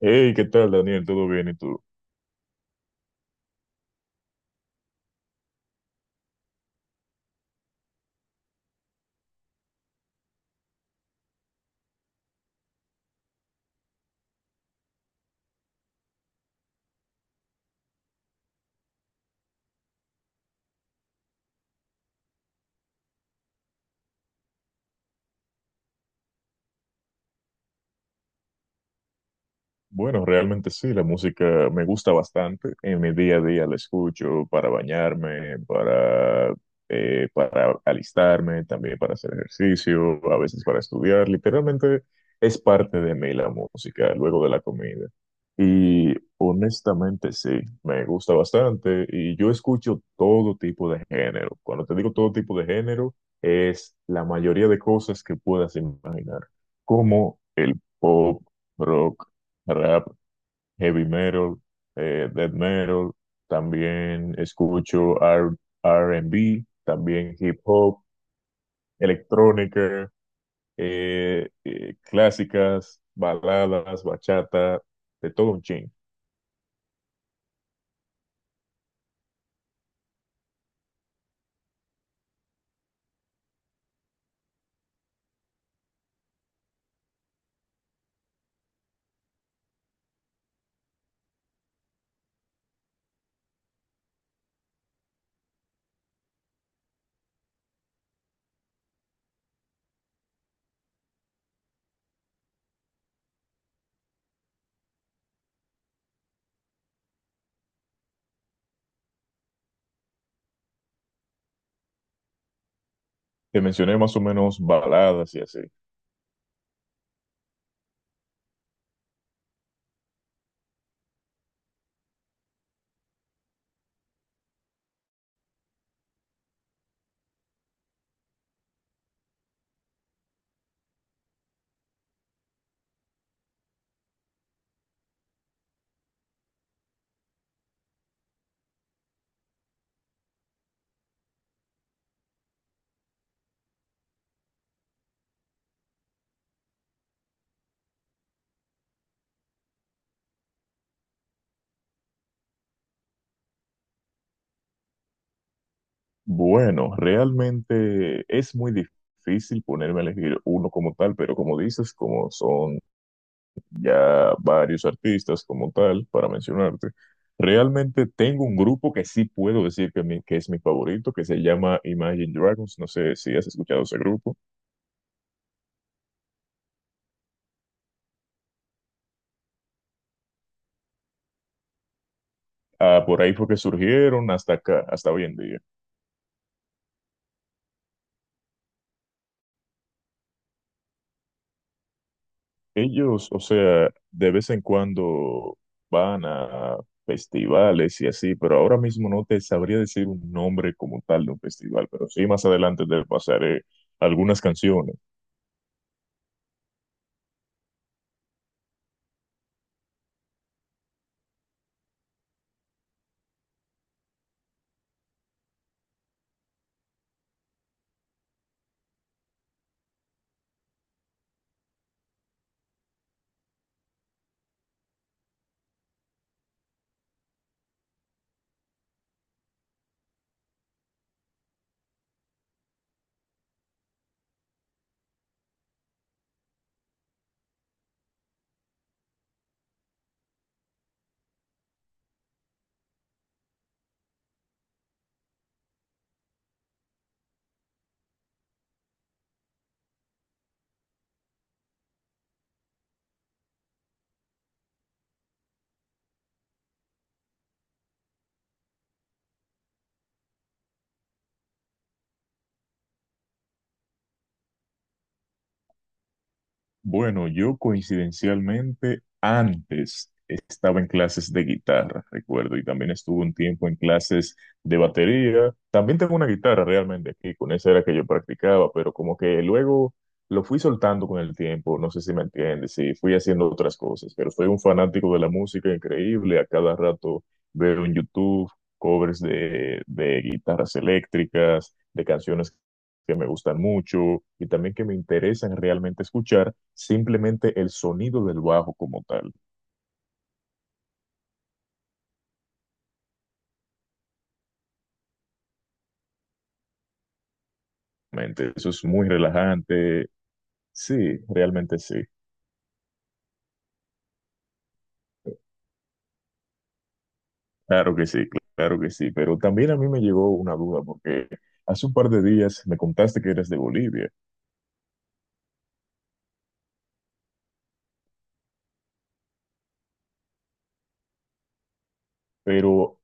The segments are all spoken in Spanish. Hey, ¿qué tal, Daniel? ¿Todo bien? ¿Y tú? Bueno, realmente sí, la música me gusta bastante. En mi día a día la escucho para bañarme, para alistarme, también para hacer ejercicio, a veces para estudiar. Literalmente es parte de mí la música, luego de la comida. Y honestamente sí, me gusta bastante y yo escucho todo tipo de género. Cuando te digo todo tipo de género, es la mayoría de cosas que puedas imaginar, como el pop, rock, rap, heavy metal, death metal, también escucho R&B, también hip hop, electrónica, clásicas, baladas, bachata, de todo un chin. Te mencioné más o menos baladas y así. Bueno, realmente es muy difícil ponerme a elegir uno como tal, pero como dices, como son ya varios artistas como tal, para mencionarte. Realmente tengo un grupo que sí puedo decir que, que es mi favorito, que se llama Imagine Dragons. No sé si has escuchado ese grupo. Ah, por ahí fue que surgieron hasta acá, hasta hoy en día. Ellos, o sea, de vez en cuando van a festivales y así, pero ahora mismo no te sabría decir un nombre como tal de un festival, pero sí más adelante te pasaré algunas canciones. Bueno, yo coincidencialmente antes estaba en clases de guitarra, recuerdo, y también estuve un tiempo en clases de batería. También tengo una guitarra realmente aquí, con esa era que yo practicaba, pero como que luego lo fui soltando con el tiempo, no sé si me entiendes, y fui haciendo otras cosas, pero soy un fanático de la música increíble, a cada rato veo en YouTube covers de guitarras eléctricas, de canciones que me gustan mucho y también que me interesan realmente escuchar, simplemente el sonido del bajo como tal. Realmente, eso es muy relajante. Sí, realmente sí. Claro que sí, claro que sí. Pero también a mí me llegó una duda porque hace un par de días me contaste que eres de Bolivia, pero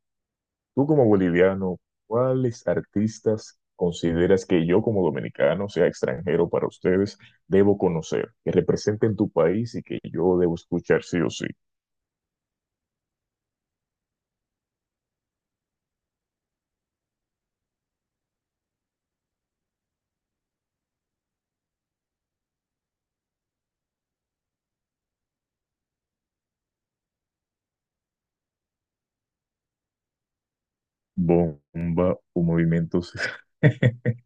tú como boliviano, ¿cuáles artistas consideras que yo como dominicano, sea extranjero para ustedes, debo conocer, que representen tu país y que yo debo escuchar sí o sí? Bomba o movimientos.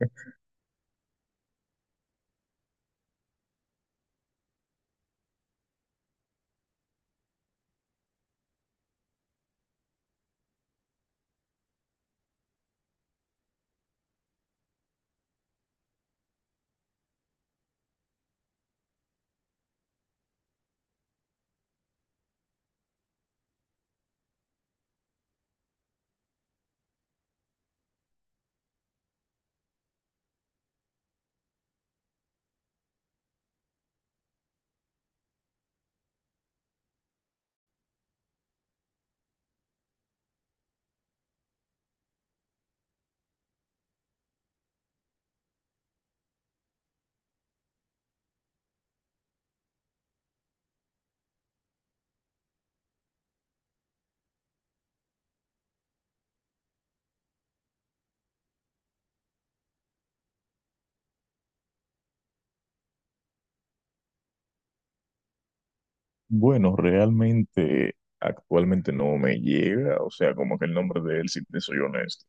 Bueno, realmente actualmente no me llega, o sea, como que el nombre de él, si te soy honesto.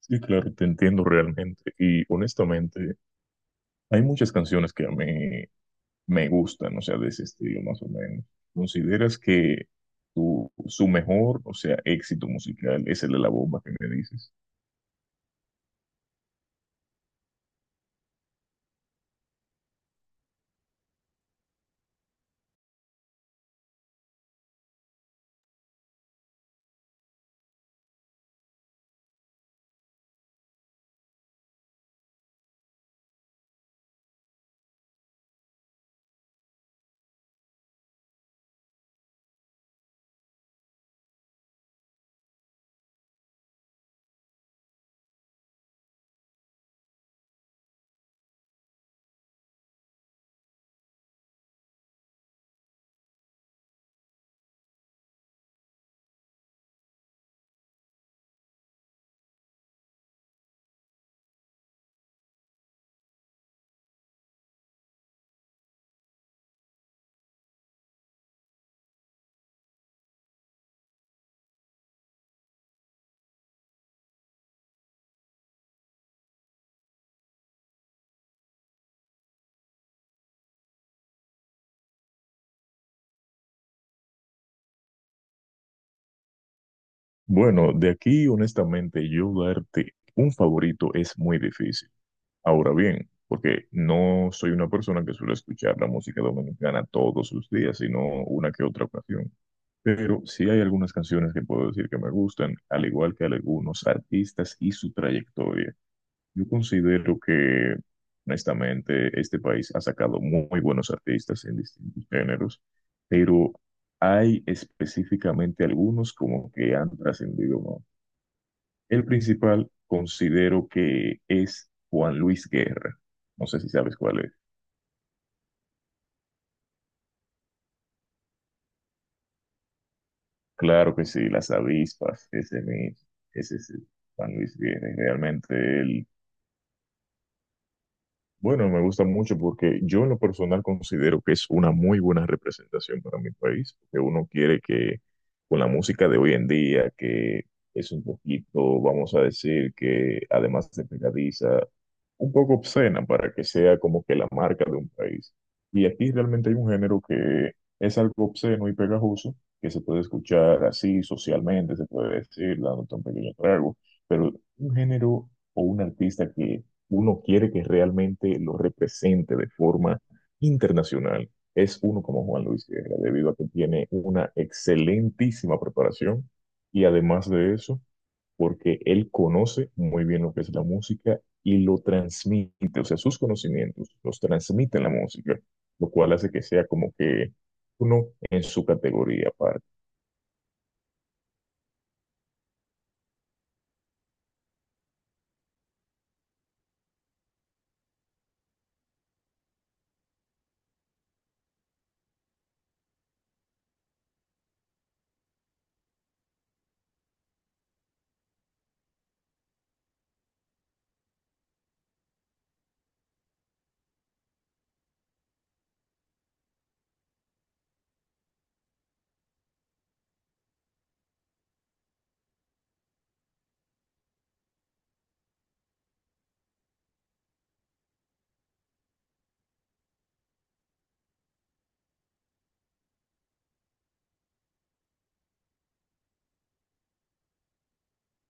Sí, claro, te entiendo realmente. Y honestamente, hay muchas canciones que a mí me gustan, o sea, de ese estilo más o menos. ¿Consideras que tu, su mejor, o sea, éxito musical es el de la bomba que me dices? Bueno, de aquí, honestamente, yo darte un favorito es muy difícil. Ahora bien, porque no soy una persona que suele escuchar la música dominicana todos los días, sino una que otra ocasión. Pero sí hay algunas canciones que puedo decir que me gustan, al igual que algunos artistas y su trayectoria. Yo considero que, honestamente, este país ha sacado muy buenos artistas en distintos géneros, pero hay específicamente algunos como que han trascendido más. El principal considero que es Juan Luis Guerra. No sé si sabes cuál es. Claro que sí, las avispas, ese mismo, ese es Juan Luis Guerra. Realmente él bueno, me gusta mucho porque yo en lo personal considero que es una muy buena representación para mi país, que uno quiere que con la música de hoy en día, que es un poquito, vamos a decir, que además de pegadiza, un poco obscena para que sea como que la marca de un país. Y aquí realmente hay un género que es algo obsceno y pegajoso, que se puede escuchar así socialmente, se puede decir, dando un pequeño trago, pero un género o un artista que uno quiere que realmente lo represente de forma internacional es uno como Juan Luis Guerra, debido a que tiene una excelentísima preparación y además de eso, porque él conoce muy bien lo que es la música y lo transmite, o sea, sus conocimientos los transmite en la música, lo cual hace que sea como que uno en su categoría aparte.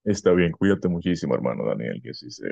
Está bien, cuídate muchísimo, hermano Daniel, que así sea.